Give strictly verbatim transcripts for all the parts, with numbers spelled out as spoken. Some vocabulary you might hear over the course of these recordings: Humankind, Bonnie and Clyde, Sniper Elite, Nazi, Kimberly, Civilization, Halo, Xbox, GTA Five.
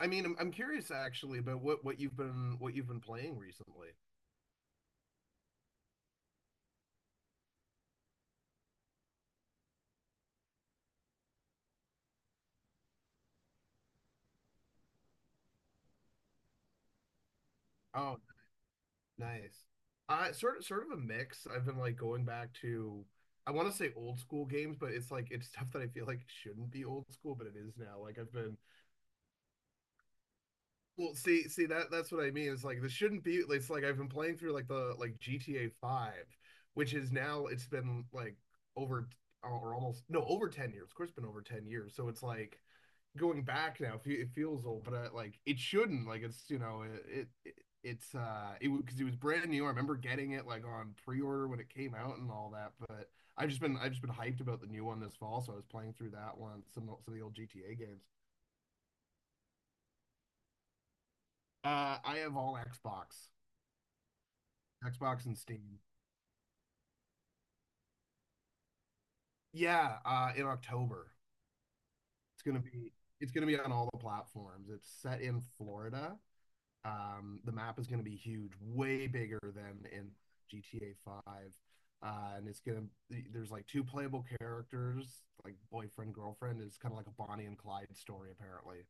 I mean, I'm, I'm curious actually about what what you've been what you've been playing recently. Oh, nice. Uh, sort of sort of a mix. I've been like going back to I want to say old school games, but it's like it's stuff that I feel like shouldn't be old school, but it is now. Like I've been well, see, see that that's what I mean. It's like this shouldn't be. It's like I've been playing through like the like G T A Five, which is now it's been like over or almost no over ten years. Of course, it's been over ten years. So it's like going back now, it feels old, but uh, like it shouldn't. Like it's you know it, it it's uh it because it was brand new. I remember getting it like on pre-order when it came out and all that. But I've just been I've just been hyped about the new one this fall, so I was playing through that one some some of the old G T A games. Uh, I have all Xbox, Xbox and Steam. Yeah, uh, in October it's gonna be it's gonna be on all the platforms. It's set in Florida. Um, the map is going to be huge, way bigger than in G T A five. Uh, and it's gonna There's like two playable characters, like boyfriend girlfriend. It's kind of like a Bonnie and Clyde story, apparently.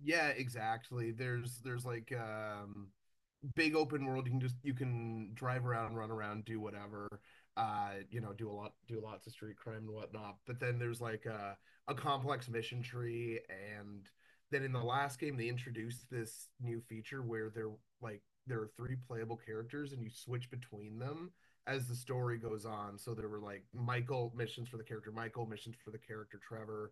Yeah, exactly. There's there's like um big open world. You can just you can drive around, run around, do whatever. Uh, you know, do a lot, do lots of street crime and whatnot. But then there's like a, a complex mission tree, and then in the last game they introduced this new feature where they're like there are three playable characters, and you switch between them as the story goes on. So there were like Michael missions for the character Michael, missions for the character Trevor,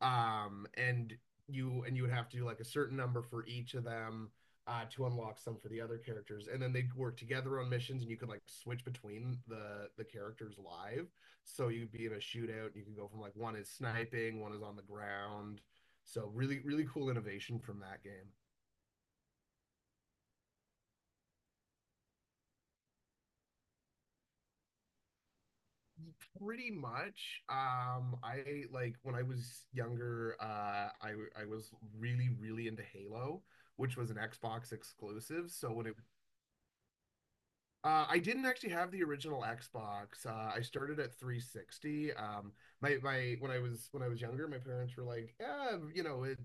um, and you and you would have to do like a certain number for each of them uh, to unlock some for the other characters, and then they'd work together on missions, and you could like switch between the the characters live. So you'd be in a shootout, and you could go from like one is sniping, one is on the ground. So really, really cool innovation from that game. Pretty much. um, I like when I was younger, uh, I I was really, really into Halo, which was an Xbox exclusive. So when it Uh, I didn't actually have the original Xbox. Uh, I started at three sixty. Um, my my when I was when I was younger, my parents were like, "Yeah, you know, it,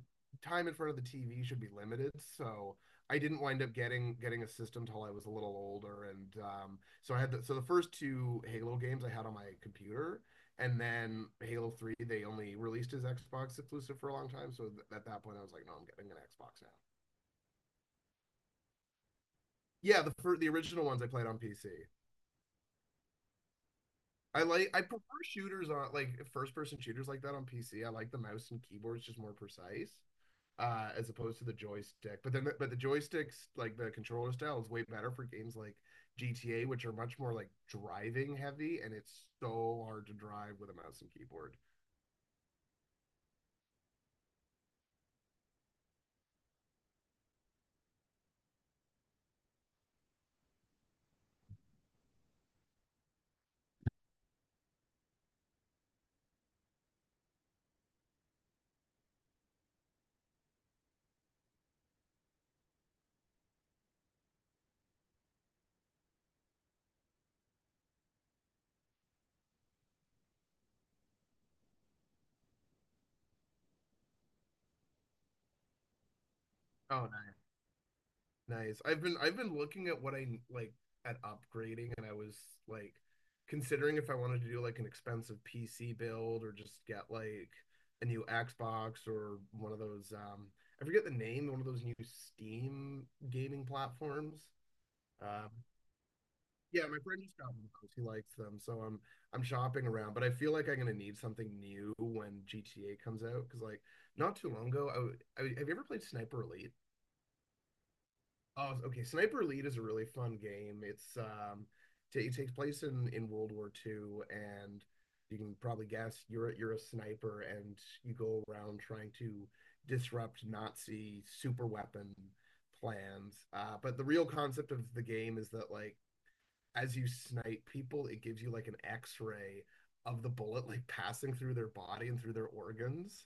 time in front of the T V should be limited." So I didn't wind up getting getting a system till I was a little older, and um, so I had the, so the first two Halo games I had on my computer, and then Halo three they only released as Xbox exclusive for a long time. So th at that point, I was like, "No, I'm getting an Xbox now." Yeah, the fir the original ones I played on P C. I like I prefer shooters on like first person shooters like that on P C. I like the mouse and keyboard's just more precise uh as opposed to the joystick. But then the, but the joysticks like the controller style is way better for games like G T A which are much more like driving heavy and it's so hard to drive with a mouse and keyboard. Oh, nice. I've been I've been looking at what I like at upgrading and I was like considering if I wanted to do like an expensive P C build or just get like a new Xbox or one of those um I forget the name, one of those new Steam gaming platforms. Um yeah, my friend just got one of those. He likes them, so I'm I'm shopping around, but I feel like I'm gonna need something new when G T A comes out because like not too long ago, I, w- I have you ever played Sniper Elite? Oh, okay. Sniper Elite is a really fun game. It's um, ta it takes place in in World War Two, and you can probably guess you're a- you're a sniper, and you go around trying to disrupt Nazi super weapon plans. Uh, but the real concept of the game is that like as you snipe people, it gives you like an X-ray of the bullet like passing through their body and through their organs.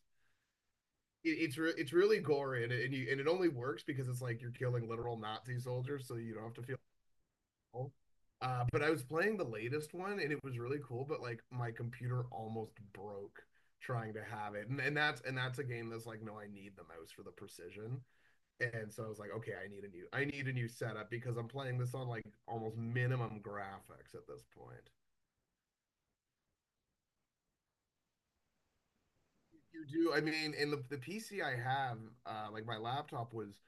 it's re- It's really gory and it, and, you, and it only works because it's like you're killing literal Nazi soldiers, so you don't have to feel. Old. Uh, but I was playing the latest one and it was really cool, but like my computer almost broke trying to have it, and, and that's and that's a game that's like no, I need the mouse for the precision, and so I was like, okay, I need a new I need a new setup because I'm playing this on like almost minimum graphics at this point. You do, I mean, and the the P C I have, uh, like my laptop was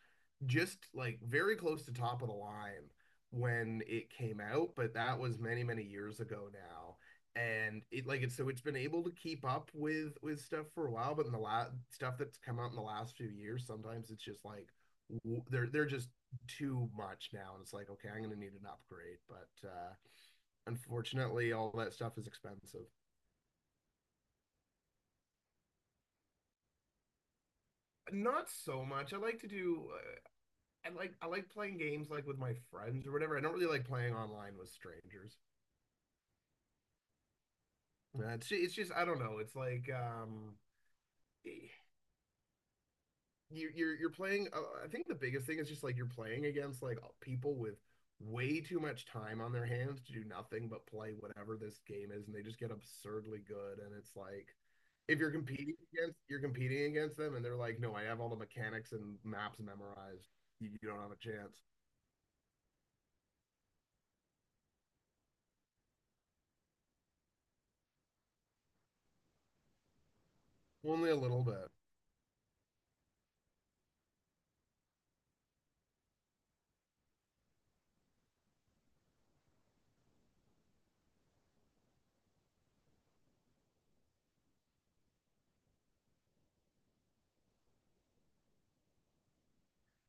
just like very close to top of the line when it came out, but that was many, many years ago now. And it like it's so it's been able to keep up with with stuff for a while, but in the last stuff that's come out in the last few years, sometimes it's just like they're they're just too much now, and it's like okay, I'm gonna need an upgrade. But uh, unfortunately, all that stuff is expensive. Not so much. I like to do. Uh, I like I like playing games like with my friends or whatever. I don't really like playing online with strangers. Uh, It's it's just I don't know. It's like um you you're you're playing uh, I think the biggest thing is just like you're playing against like uh, people with way too much time on their hands to do nothing but play whatever this game is and they just get absurdly good and it's like if you're competing against you're competing against them and they're like, "No, I have all the mechanics and maps memorized. You, you don't have a chance." Only a little bit.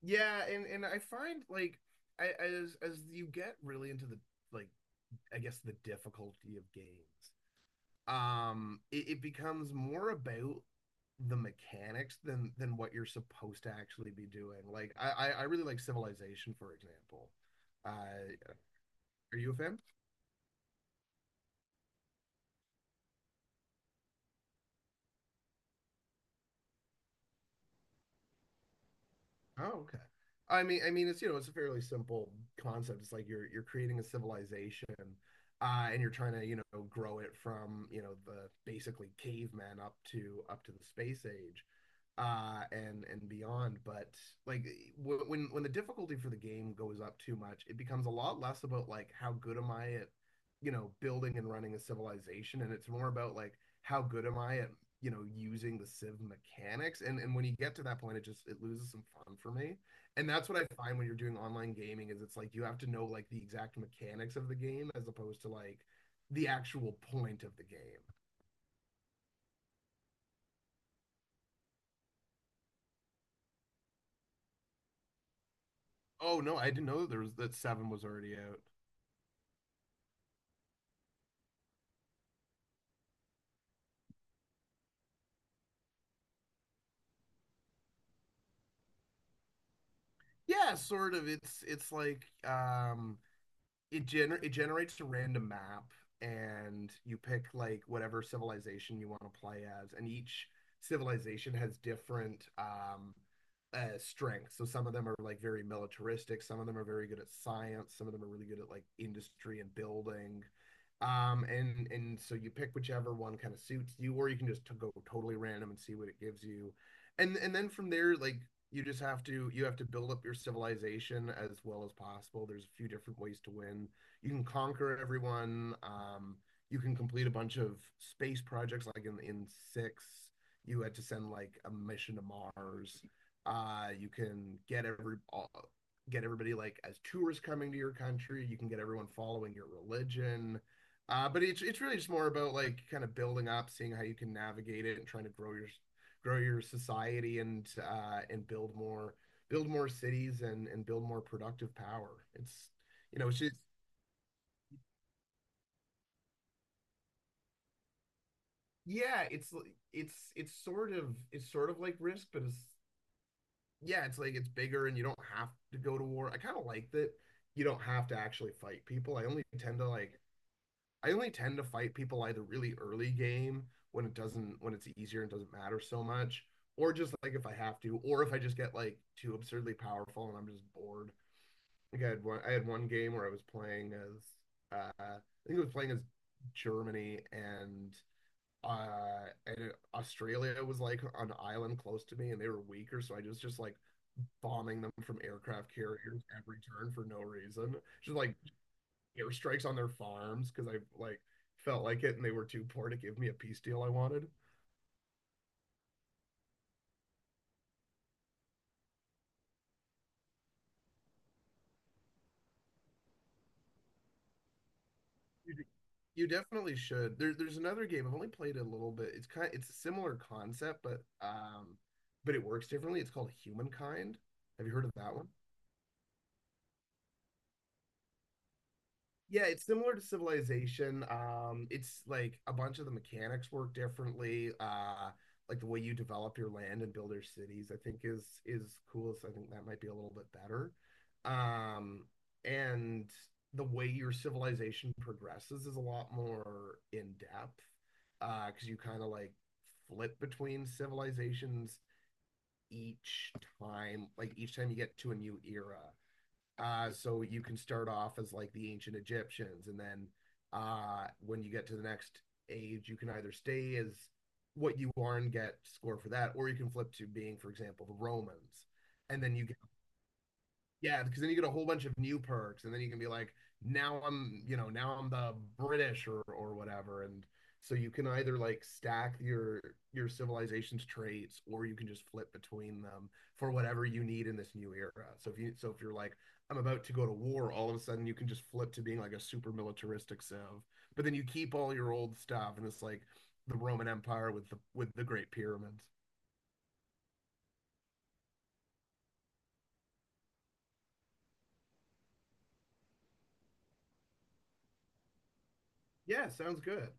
Yeah, and and I find like I, as as you get really into the like I guess the difficulty of games. Um, it, it becomes more about the mechanics than than what you're supposed to actually be doing. Like I I, really like Civilization for example. Uh, are you a fan? Oh, okay. I mean, I mean, it's you know, it's a fairly simple concept. It's like you're you're creating a civilization, uh, and you're trying to you know grow it from you know the basically caveman up to up to the space age, uh, and and beyond. But like w- when when the difficulty for the game goes up too much, it becomes a lot less about like how good am I at you know building and running a civilization, and it's more about like how good am I at you know using the civ mechanics and and when you get to that point it just it loses some fun for me and that's what I find when you're doing online gaming is it's like you have to know like the exact mechanics of the game as opposed to like the actual point of the game. Oh no, I didn't know there was that seven was already out. Yeah, sort of. it's it's like um it gener it generates a random map and you pick like whatever civilization you want to play as and each civilization has different um uh, strengths. So some of them are like very militaristic, some of them are very good at science, some of them are really good at like industry and building. Um, and and so you pick whichever one kind of suits you, or you can just to go totally random and see what it gives you. And and then from there, like you just have to you have to build up your civilization as well as possible. There's a few different ways to win. You can conquer everyone. Um, you can complete a bunch of space projects, like in in six, you had to send like a mission to Mars. Uh, you can get every all, get everybody like as tourists coming to your country. You can get everyone following your religion. Uh, but it's it's really just more about like kind of building up, seeing how you can navigate it, and trying to grow your grow your society and uh, and build more build more cities and and build more productive power. It's you know it's just yeah it's it's it's sort of it's sort of like Risk, but it's yeah it's like it's bigger and you don't have to go to war. I kind of like that you don't have to actually fight people. I only tend to like I only tend to fight people either really early game when it doesn't when it's easier and doesn't matter so much. Or just like if I have to, or if I just get like too absurdly powerful and I'm just bored. I think I had one. I had one game where I was playing as uh, I think I was playing as Germany and uh, and Australia was like an island close to me, and they were weaker, so I just just like bombing them from aircraft carriers every turn for no reason. Just like airstrikes on their farms because I like felt like it, and they were too poor to give me a peace deal I wanted. You d- you definitely should. There, there's another game. I've only played it a little bit. It's kind it's a similar concept, but um, but it works differently. It's called Humankind. Have you heard of that one? Yeah, it's similar to Civilization. Um, it's like a bunch of the mechanics work differently. Uh, like the way you develop your land and build your cities, I think is is cool. So I think that might be a little bit better. Um, and the way your civilization progresses is a lot more in depth, uh, because you kind of like flip between civilizations each time, like each time you get to a new era. Uh, so you can start off as like the ancient Egyptians, and then uh, when you get to the next age, you can either stay as what you are and get score for that, or you can flip to being, for example, the Romans, and then you yeah, because then you get a whole bunch of new perks, and then you can be like, now I'm, you know, now I'm the British or or whatever, and so you can either like stack your your civilization's traits, or you can just flip between them for whatever you need in this new era. So if you so if you're like, I'm about to go to war, all of a sudden you can just flip to being like a super militaristic civ, but then you keep all your old stuff, and it's like the Roman Empire with the with the Great Pyramids. Yeah, sounds good.